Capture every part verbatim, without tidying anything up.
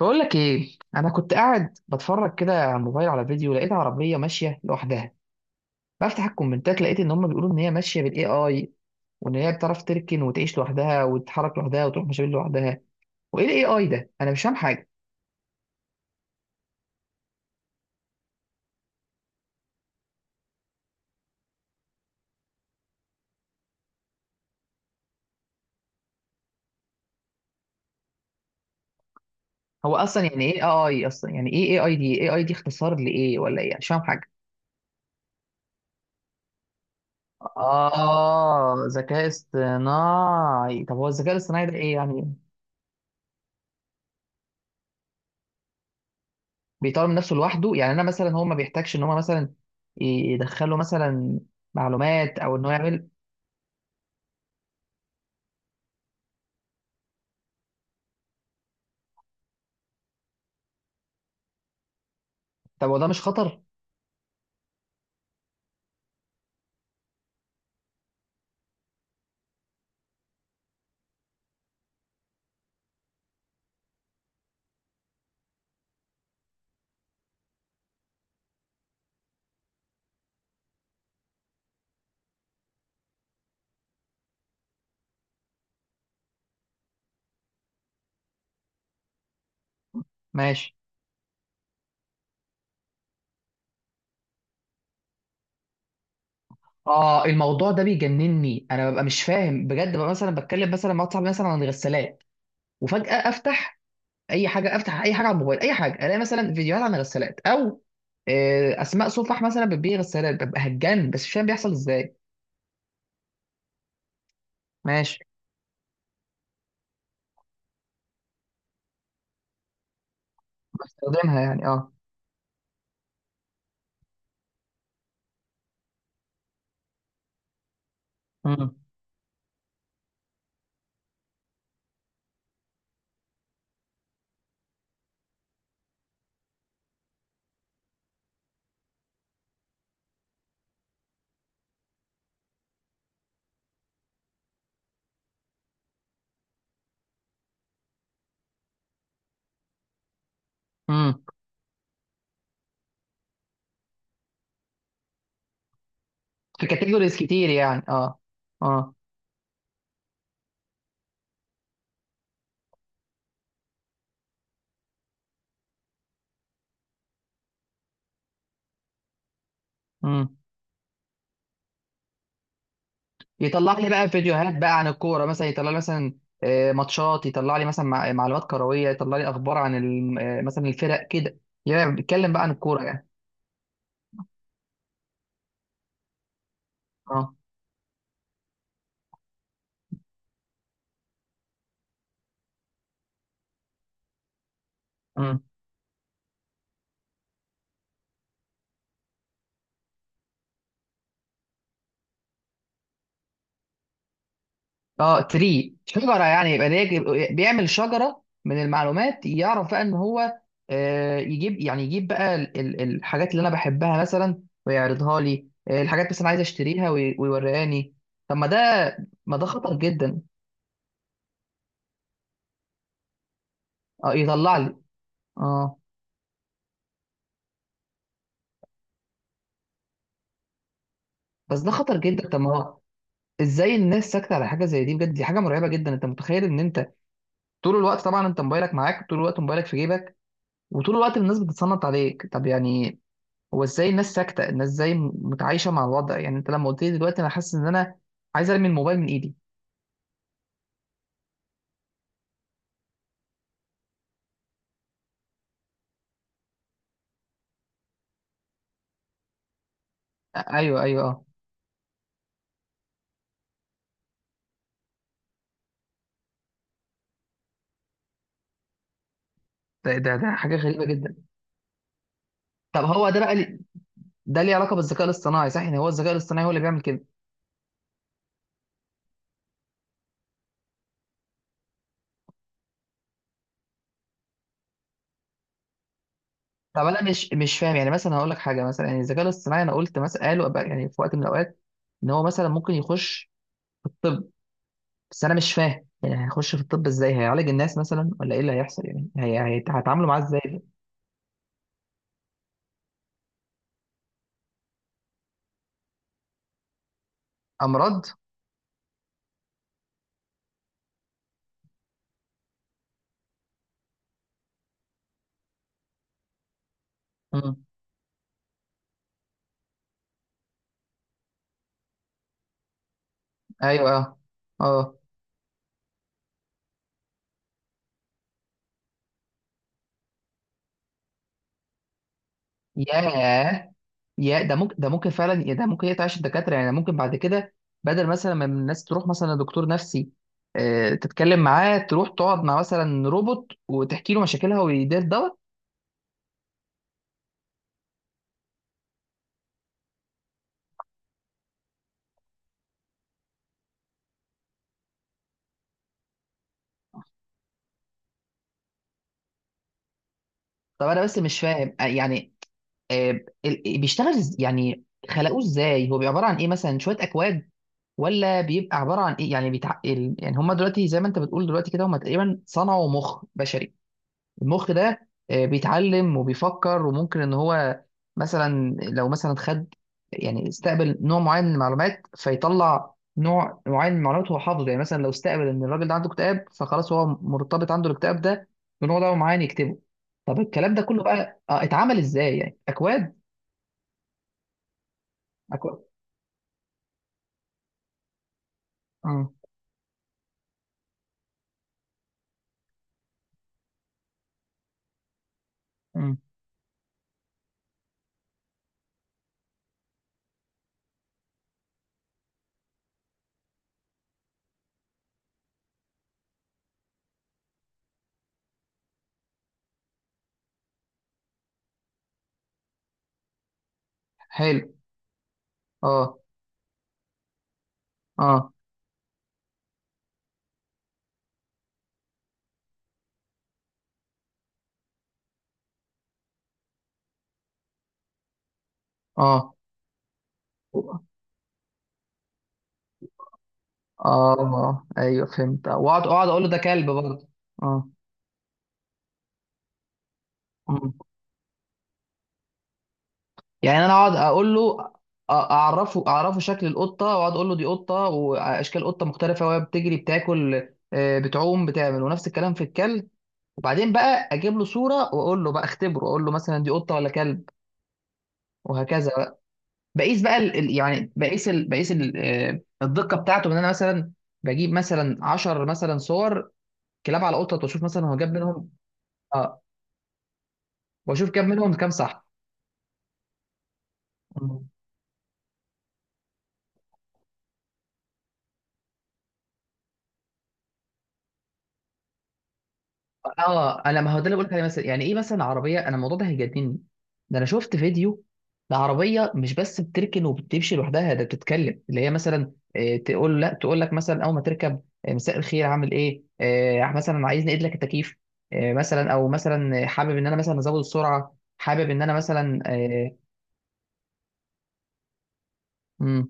بقول لك ايه. انا كنت قاعد بتفرج كده على الموبايل على فيديو، لقيت عربيه ماشيه لوحدها. بفتح الكومنتات، لقيت ان هم بيقولوا ان هي ماشيه بالاي اي، وان هي بتعرف تركن وتعيش لوحدها وتتحرك لوحدها وتروح مشاوير لوحدها. وايه الاي اي ده؟ انا مش فاهم حاجه. هو اصلا يعني ايه اي؟ اصلا يعني ايه اي اي دي؟ اي اي دي اختصار لايه ولا ايه؟ مش فاهم حاجه. اه، ذكاء اصطناعي. طب هو الذكاء الاصطناعي ده ايه يعني؟ بيطور من نفسه لوحده يعني؟ انا مثلا هو ما بيحتاجش ان هو مثلا يدخله مثلا معلومات او انه يعمل؟ طب وده مش خطر؟ ماشي. اه، الموضوع ده بيجنني. انا ببقى مش فاهم بجد. ببقى مثلا بتكلم مثلا مع واحد صاحبي مثلا عن الغسالات، وفجأة افتح اي حاجه، افتح اي حاجه على الموبايل، اي حاجه، الاقي مثلا فيديوهات عن الغسالات او آه، اسماء صفح مثلا بتبيع غسالات. ببقى هتجنن بس مش فاهم بيحصل ازاي. ماشي. بستخدمها يعني، اه. امم امم في كاتيجوريز كتير يعني، اه. اه. امم يطلع لي بقى فيديوهات بقى عن الكوره مثلا، يطلع لي مثلا آه، ماتشات، يطلع لي مثلا مع- معلومات كرويه، يطلع لي اخبار عن ال- آه، مثلا الفرق كده يعني، بيتكلم بقى عن الكوره يعني. اه. مم. اه، تري شجره يعني. يبقى ليه- بيعمل شجره من المعلومات، يعرف بقى ان هو آه، يجيب، يعني يجيب بقى ال- ال- الحاجات اللي انا بحبها مثلا ويعرضها لي، آه، الحاجات مثلا عايز اشتريها وي- ويوريهاني. طب ما ده، ما ده خطر جدا. اه، يطلع لي. اه، بس ده خطر جدا. طب ما هو ازاي الناس ساكته على حاجه زي دي؟ بجد دي حاجه مرعبه جدا. انت متخيل ان انت طول الوقت، طبعا انت موبايلك معاك طول الوقت، موبايلك في جيبك وطول الوقت الناس بتتصنت عليك؟ طب يعني هو ازاي الناس ساكته؟ الناس ازاي متعايشه مع الوضع؟ يعني انت لما قلت لي دلوقتي، انا حاسس ان انا عايز ارمي الموبايل من ايدي. أ- ايوه ايوه، اه. ده ده, ده حاجه غريبه جدا. طب هو ده بقى لي- ده ليه علاقه بالذكاء الاصطناعي صح؟ يعني هو الذكاء الاصطناعي هو اللي بيعمل كده؟ طب انا مش مش فاهم يعني. مثلا هقول لك حاجه، مثلا يعني الذكاء الاصطناعي، انا قلت مثلا قالوا بقى يعني في وقت من الاوقات ان هو مثلا ممكن يخش في الطب، بس انا مش فاهم يعني هيخش في الطب ازاي؟ هيعالج الناس مثلا ولا ايه اللي هيحصل؟ يعني هي... هي... هيتعاملوا معاه ازاي ده؟ امراض. امم ايوه، اه. اه. ياه. يا ده ممكن، ده ممكن فعلا. يا ده ممكن يقطع الدكاتره يعني. ممكن بعد كده بدل مثلا ما الناس تروح مثلا لدكتور نفسي آه، تتكلم معاه، تروح تقعد مع مثلا روبوت وتحكي له مشاكلها ويدير دواء. طب انا بس مش فاهم آه، يعني آه، ال- بيشتغل إز- يعني خلقوه ازاي؟ هو بيبقى عباره عن ايه؟ مثلا شويه اكواد ولا بيبقى عباره عن ايه؟ يعني بيتع... ال- يعني هم دلوقتي زي ما انت بتقول دلوقتي كده، هم تقريبا صنعوا مخ بشري. المخ ده آه، بيتعلم وبيفكر وممكن ان هو مثلا لو مثلا خد، يعني استقبل نوع معين من المعلومات، فيطلع نوع معين من المعلومات. هو حافظه يعني. مثلا لو استقبل ان الراجل ده عنده اكتئاب، فخلاص هو مرتبط عنده الاكتئاب ده بنوع ده معين يكتبه. طب الكلام ده كله بقى، آه، اتعمل ازاي يعني؟ اكواد؟ اكواد. امم امم حلو. اه. اه. اه. اه. آه، ايوه فهمت. واقعد اقعد اقول له ده كلب برضه. اه. مم. يعني انا اقعد اقول له، أ- اعرفه، اعرفه شكل القطه، واقعد اقول له دي قطه، واشكال قطه مختلفه وهي بتجري، بتاكل، آه، بتعوم، بتعمل، ونفس الكلام في الكلب. وبعدين بقى اجيب له صوره واقول له بقى اختبره، اقول له مثلا دي قطه ولا كلب، وهكذا بقى. بقيس بقى ال- ال- يعني بقيس ال- بقيس ال- آه، الدقه بتاعته. ان انا مثلا بجيب مثلا عشر مثلا صور كلاب على قطط، واشوف مثلا هو جاب منهم، اه، واشوف جاب منهم كام صح. مم. اه، انا ما هو ده اللي بقولك عليه. مثلا يعني ايه مثلا عربيه؟ انا الموضوع ده هيجنني. ده انا شفت فيديو لعربيه مش بس بتركن وبتمشي لوحدها، ده بتتكلم. اللي هي مثلا آه، تقول، لا تقول لك مثلا اول ما تركب آه، مساء الخير، عامل ايه؟ آه، مثلا عايز نقيد لك التكييف، آه، مثلا، او مثلا آه، حابب ان انا مثلا ازود السرعه، حابب ان انا مثلا، آه، مم.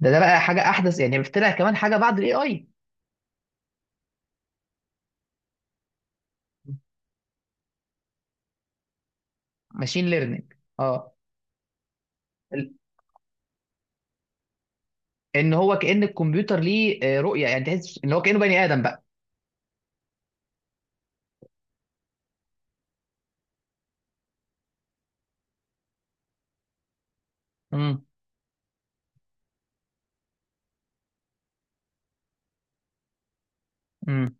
ده ده بقى حاجه احدث يعني، طلع كمان حاجه بعد الاي اي. ماشين ليرنينج. اه. ان هو كأن الكمبيوتر ليه آه، رؤية يعني، تحس ان هو كأنه بني آدم بقى. امم امم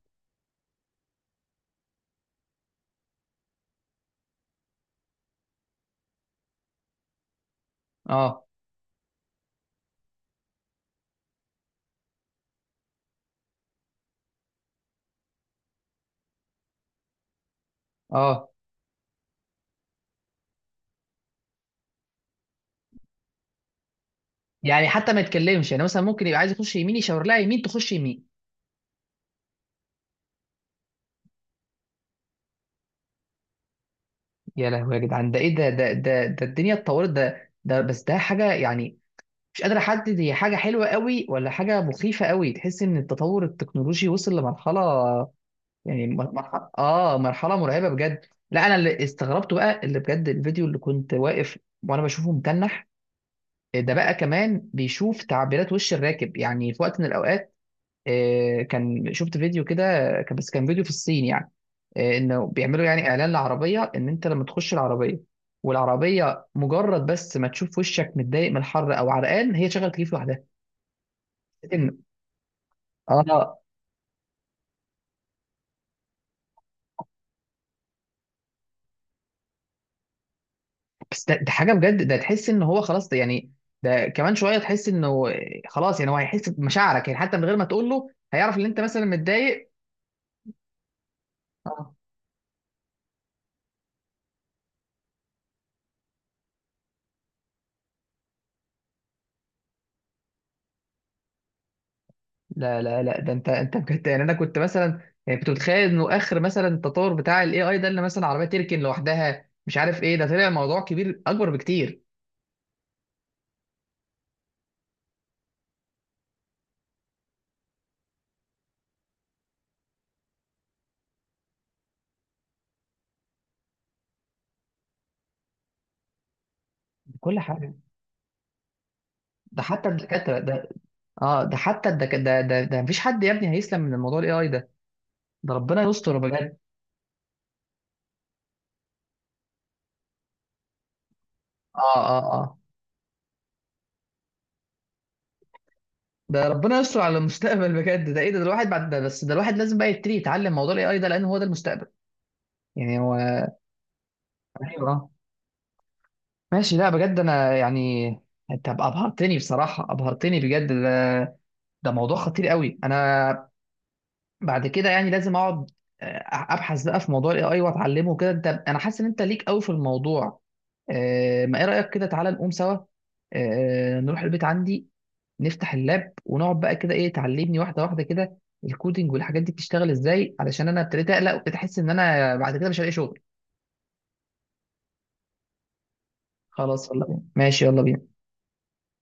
اه. اه. يعني حتى ما يتكلمش يعني، مثلا ممكن يبقى عايز يخش يمين، يشاور لها يمين، تخش يمين. يا لهوي يا جدعان، ده ايه ده ده ده ده الدنيا اتطورت. ده ده بس ده حاجة يعني مش قادر احدد هي حاجة حلوة قوي ولا حاجة مخيفة قوي. تحس ان التطور التكنولوجي وصل لمرحلة يعني مر- مرحلة، اه، مرحلة مرعبة بجد. لا، انا اللي استغربته بقى، اللي بجد الفيديو اللي كنت واقف وانا بشوفه متنح، ده بقى كمان بيشوف تعبيرات وش الراكب. يعني في وقت من الاوقات آه، كان شفت فيديو كده، كان- بس كان فيديو في الصين يعني، آه، انه بيعملوا يعني اعلان لعربيه ان انت لما تخش العربيه، والعربيه مجرد بس ما تشوف وشك متضايق من الحر او عرقان، هي شغل تكييف لوحدها. إن- اه. بس ده, ده حاجه بجد. ده تحس ان هو خلاص ده يعني، ده كمان شويه تحس انه آه، خلاص يعني، هو هيحس بمشاعرك يعني، حتى من غير ما تقول له هيعرف ان انت مثلا متضايق. لا لا لا ده انت، انت بجد يعني. انا كنت مثلا يعني كنت متخيل انه اخر مثلا التطور بتاع الاي اي ده اللي مثلا عربيه تركن لوحدها، مش عارف ايه، ده طلع موضوع كبير اكبر بكتير. كل حاجه. ده حتى الدكاتره ده، اه، ده حتى الدك... ده ده ده مفيش حد يا ابني هيسلم من الموضوع الاي اي ده. ده ربنا يستر بجد. اه. اه. اه. ده ربنا يستر على المستقبل بجد. ده ايه ده, ده الواحد بعد ده، بس ده الواحد لازم بقى يبتدي يتعلم موضوع الاي اي ده، لان هو ده المستقبل يعني. هو ايوه. ماشي. لا بجد انا يعني، انت أب- ابهرتني بصراحه، ابهرتني بجد. ده, ده موضوع خطير قوي. انا بعد كده يعني لازم اقعد آه، ابحث بقى في موضوع الاي اي واتعلمه كده. انت انا حاسس ان انت ليك قوي في الموضوع. آه، ما ايه رايك كده تعالى نقوم سوا آه، نروح البيت عندي، نفتح اللاب ونقعد بقى كده، ايه تعلمني واحده واحده كده الكودينج والحاجات دي بتشتغل ازاي، علشان انا ابتديت اقلق وابتديت احس ان انا بعد كده مش هلاقي شغل. خلاص يلا بينا. ماشي يلا بينا.